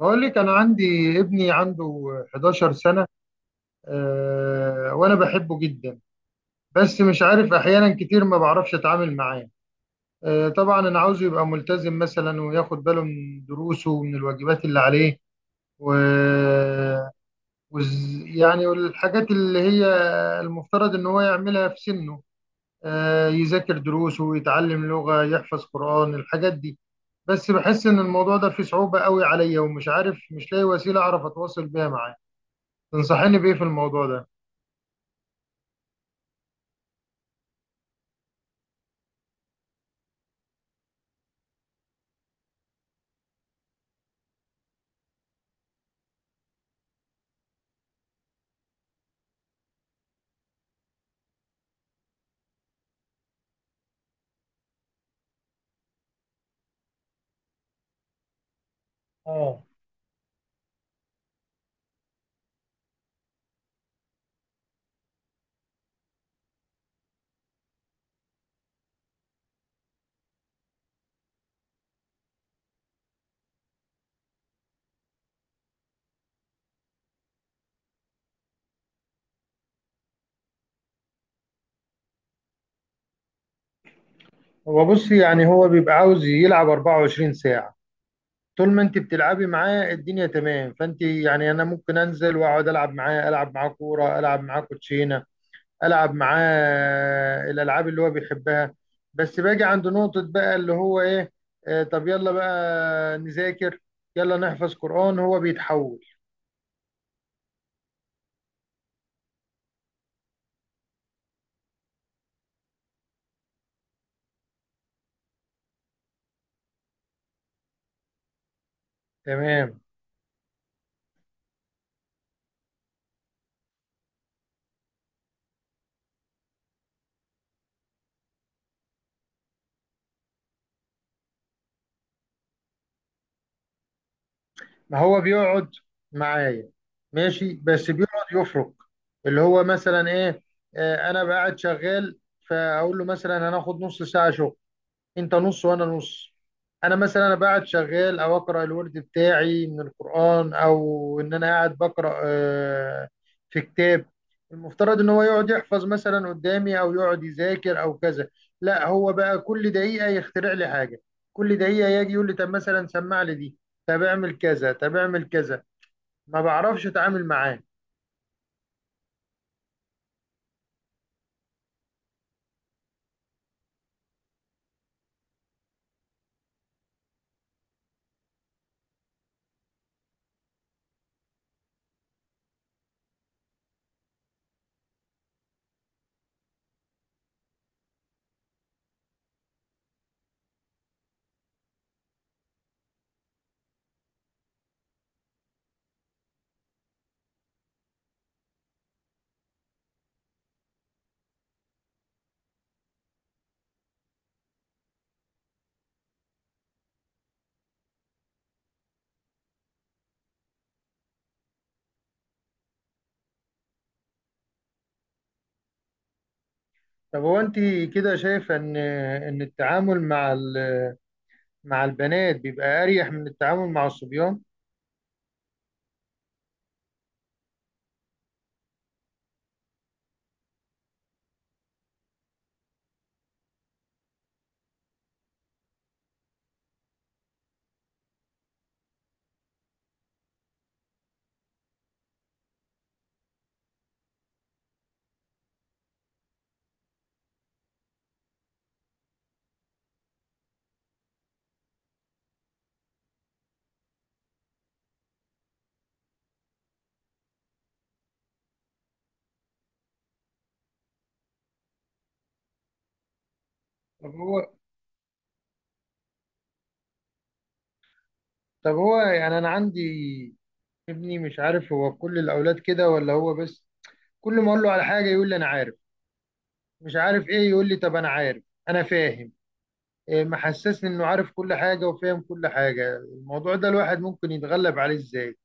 بقول لك انا عندي ابني عنده 11 سنة، وانا بحبه جدا. بس مش عارف احيانا كتير ما بعرفش اتعامل معاه. طبعا انا عاوزه يبقى ملتزم مثلا وياخد باله من دروسه ومن الواجبات اللي عليه و... يعني الحاجات اللي هي المفترض ان هو يعملها في سنه، يذاكر دروسه ويتعلم لغة يحفظ قرآن الحاجات دي. بس بحس ان الموضوع ده فيه صعوبة قوي عليا ومش عارف، مش لاقي وسيلة اعرف اتواصل بيها معاه. تنصحني بإيه في الموضوع ده؟ اه. هو بص يعني هو بيبقى عاوز يلعب 24 ساعة. طول ما انت بتلعبي معاه الدنيا تمام، فانت يعني انا ممكن انزل واقعد العب معاه، العب معاه كورة، العب معاه كوتشينة، العب معاه الالعاب اللي هو بيحبها. بس باجي عند نقطة بقى اللي هو ايه، طب يلا بقى نذاكر، يلا نحفظ قرآن، هو بيتحول. تمام. ما هو بيقعد معايا، ماشي، بس بيقعد يفرق اللي هو مثلا ايه. انا بقعد شغال، فاقول له مثلا هناخد نص ساعه شغل، انت نص وانا نص. انا مثلا انا قاعد شغال او اقرا الورد بتاعي من القران، او ان انا قاعد بقرا، في كتاب المفترض ان هو يقعد يحفظ مثلا قدامي، او يقعد يذاكر، او كذا. لا هو بقى كل دقيقه يخترع لي حاجه، كل دقيقه يجي يقول لي طب مثلا سمع لي دي، طب اعمل كذا، طب اعمل كذا. ما بعرفش اتعامل معاه. طب هو انت كده شايفه ان التعامل مع مع البنات بيبقى اريح من التعامل مع الصبيان؟ طب هو طب هو يعني انا عندي ابني مش عارف هو كل الاولاد كده ولا هو بس. كل ما اقول له على حاجه يقول لي انا عارف، مش عارف ايه يقول لي طب انا عارف، انا فاهم. إيه محسسني انه عارف كل حاجه وفاهم كل حاجه؟ الموضوع ده الواحد ممكن يتغلب عليه ازاي؟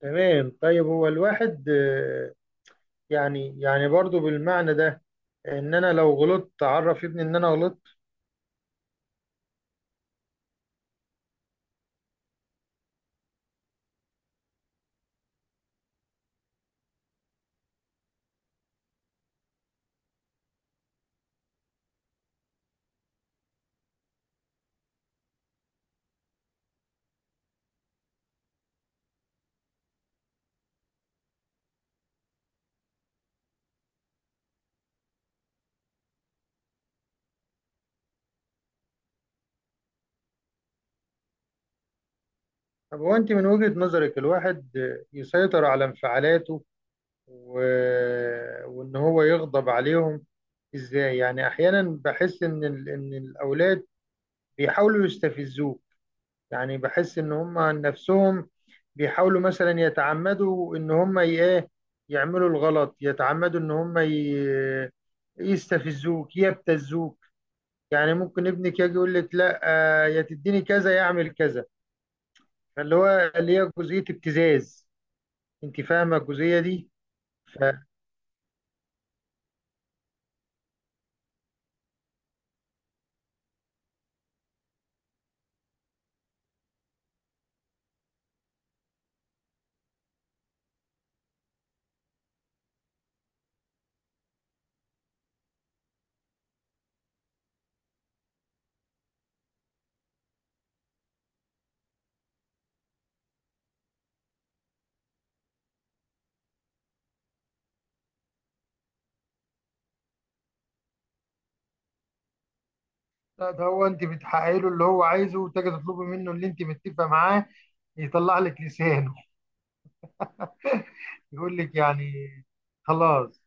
تمام طيب، هو الواحد، يعني برضو بالمعنى ده، ان انا لو غلطت اعرف ابني ان انا غلطت؟ طب هو انت من وجهة نظرك الواحد، يسيطر على انفعالاته و... وان هو يغضب عليهم ازاي؟ يعني احيانا بحس ان ان الاولاد بيحاولوا يستفزوه. يعني بحس ان هم عن نفسهم بيحاولوا مثلا يتعمدوا ان هم ايه، يعملوا الغلط، يتعمدوا ان هم يستفزوك يبتزوك. يعني ممكن ابنك يجي يقول لك لا، يا تديني كذا يعمل كذا. فاللي هو اللي هي جزئية ابتزاز. انت فاهمة الجزئية دي؟ ف... لا ده هو انت بتحققي له اللي هو عايزه، وتجي تطلبي منه اللي انت متفقه معاه، يطلع لك لسانه يقول لك يعني خلاص.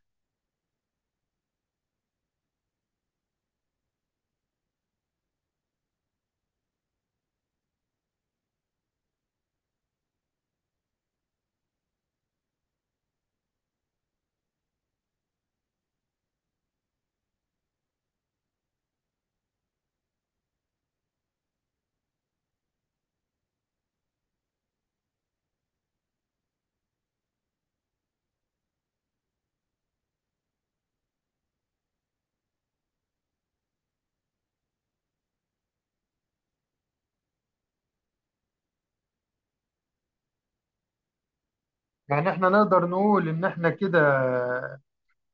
يعني احنا نقدر نقول ان احنا كده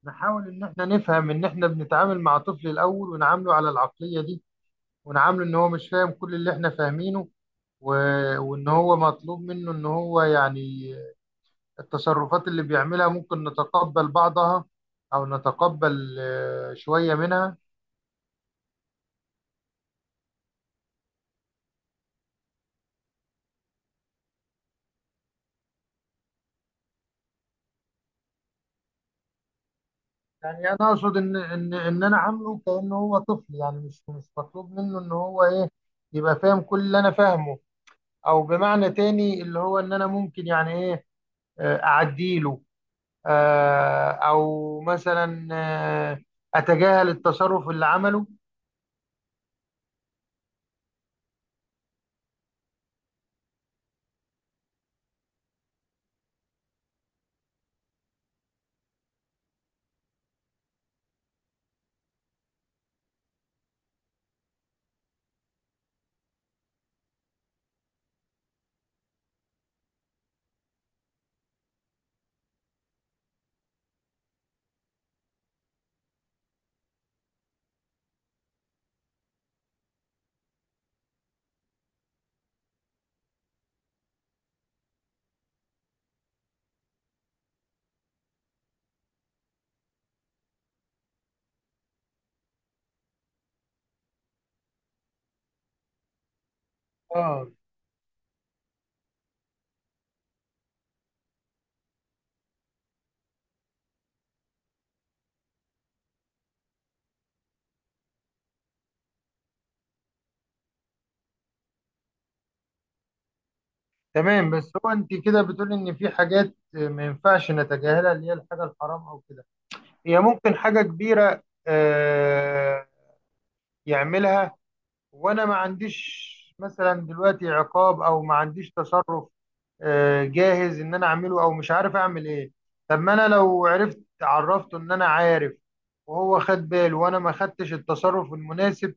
نحاول ان احنا نفهم ان احنا بنتعامل مع طفل الاول، ونعامله على العقلية دي، ونعامله ان هو مش فاهم كل اللي احنا فاهمينه و... وان هو مطلوب منه ان هو يعني، التصرفات اللي بيعملها ممكن نتقبل بعضها، او نتقبل شوية منها. يعني انا اقصد ان انا عامله كانه هو طفل، يعني مش مطلوب منه ان هو ايه، يبقى فاهم كل اللي انا فاهمه. او بمعنى تاني اللي هو ان انا ممكن يعني ايه، اعديله، او مثلا اتجاهل التصرف اللي عمله. اه، تمام. بس هو انت كده بتقول ان في حاجات، ما ينفعش نتجاهلها اللي هي الحاجه الحرام او كده. هي ممكن حاجه كبيره يعملها، وانا ما عنديش مثلا دلوقتي عقاب، او ما عنديش تصرف جاهز ان انا اعمله، او مش عارف اعمل ايه. طب ما انا لو عرفت عرفته ان انا عارف، وهو خد باله وانا ما خدتش التصرف المناسب.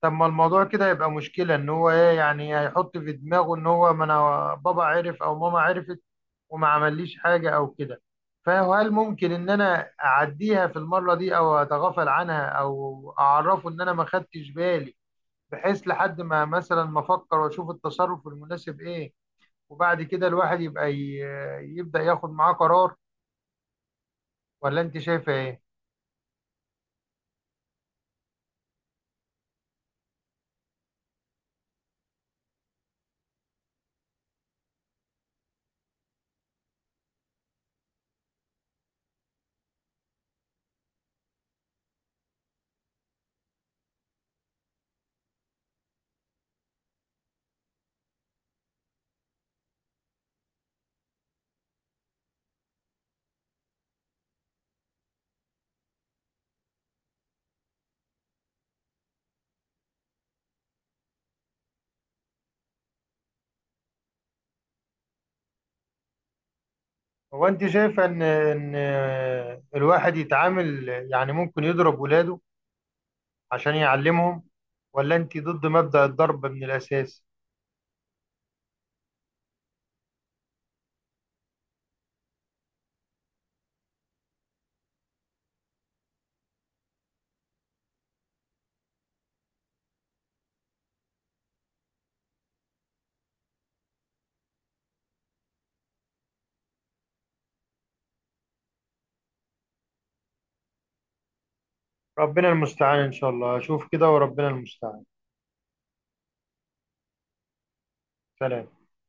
طب ما الموضوع كده هيبقى مشكلة، ان هو ايه يعني، هيحط في دماغه ان هو ما انا بابا عرف او ماما عرفت وما عمليش حاجة او كده. فهل ممكن ان انا اعديها في المرة دي او اتغافل عنها، او اعرفه ان انا ما خدتش بالي، بحيث لحد ما مثلا ما افكر واشوف التصرف المناسب ايه، وبعد كده الواحد يبقى يبدأ ياخد معاه قرار؟ ولا انت شايفه ايه؟ هو انت شايفه ان الواحد يتعامل يعني ممكن يضرب ولاده عشان يعلمهم؟ ولا انت ضد مبدأ الضرب من الاساس؟ ربنا المستعان ان شاء الله اشوف كده وربنا المستعان. سلام.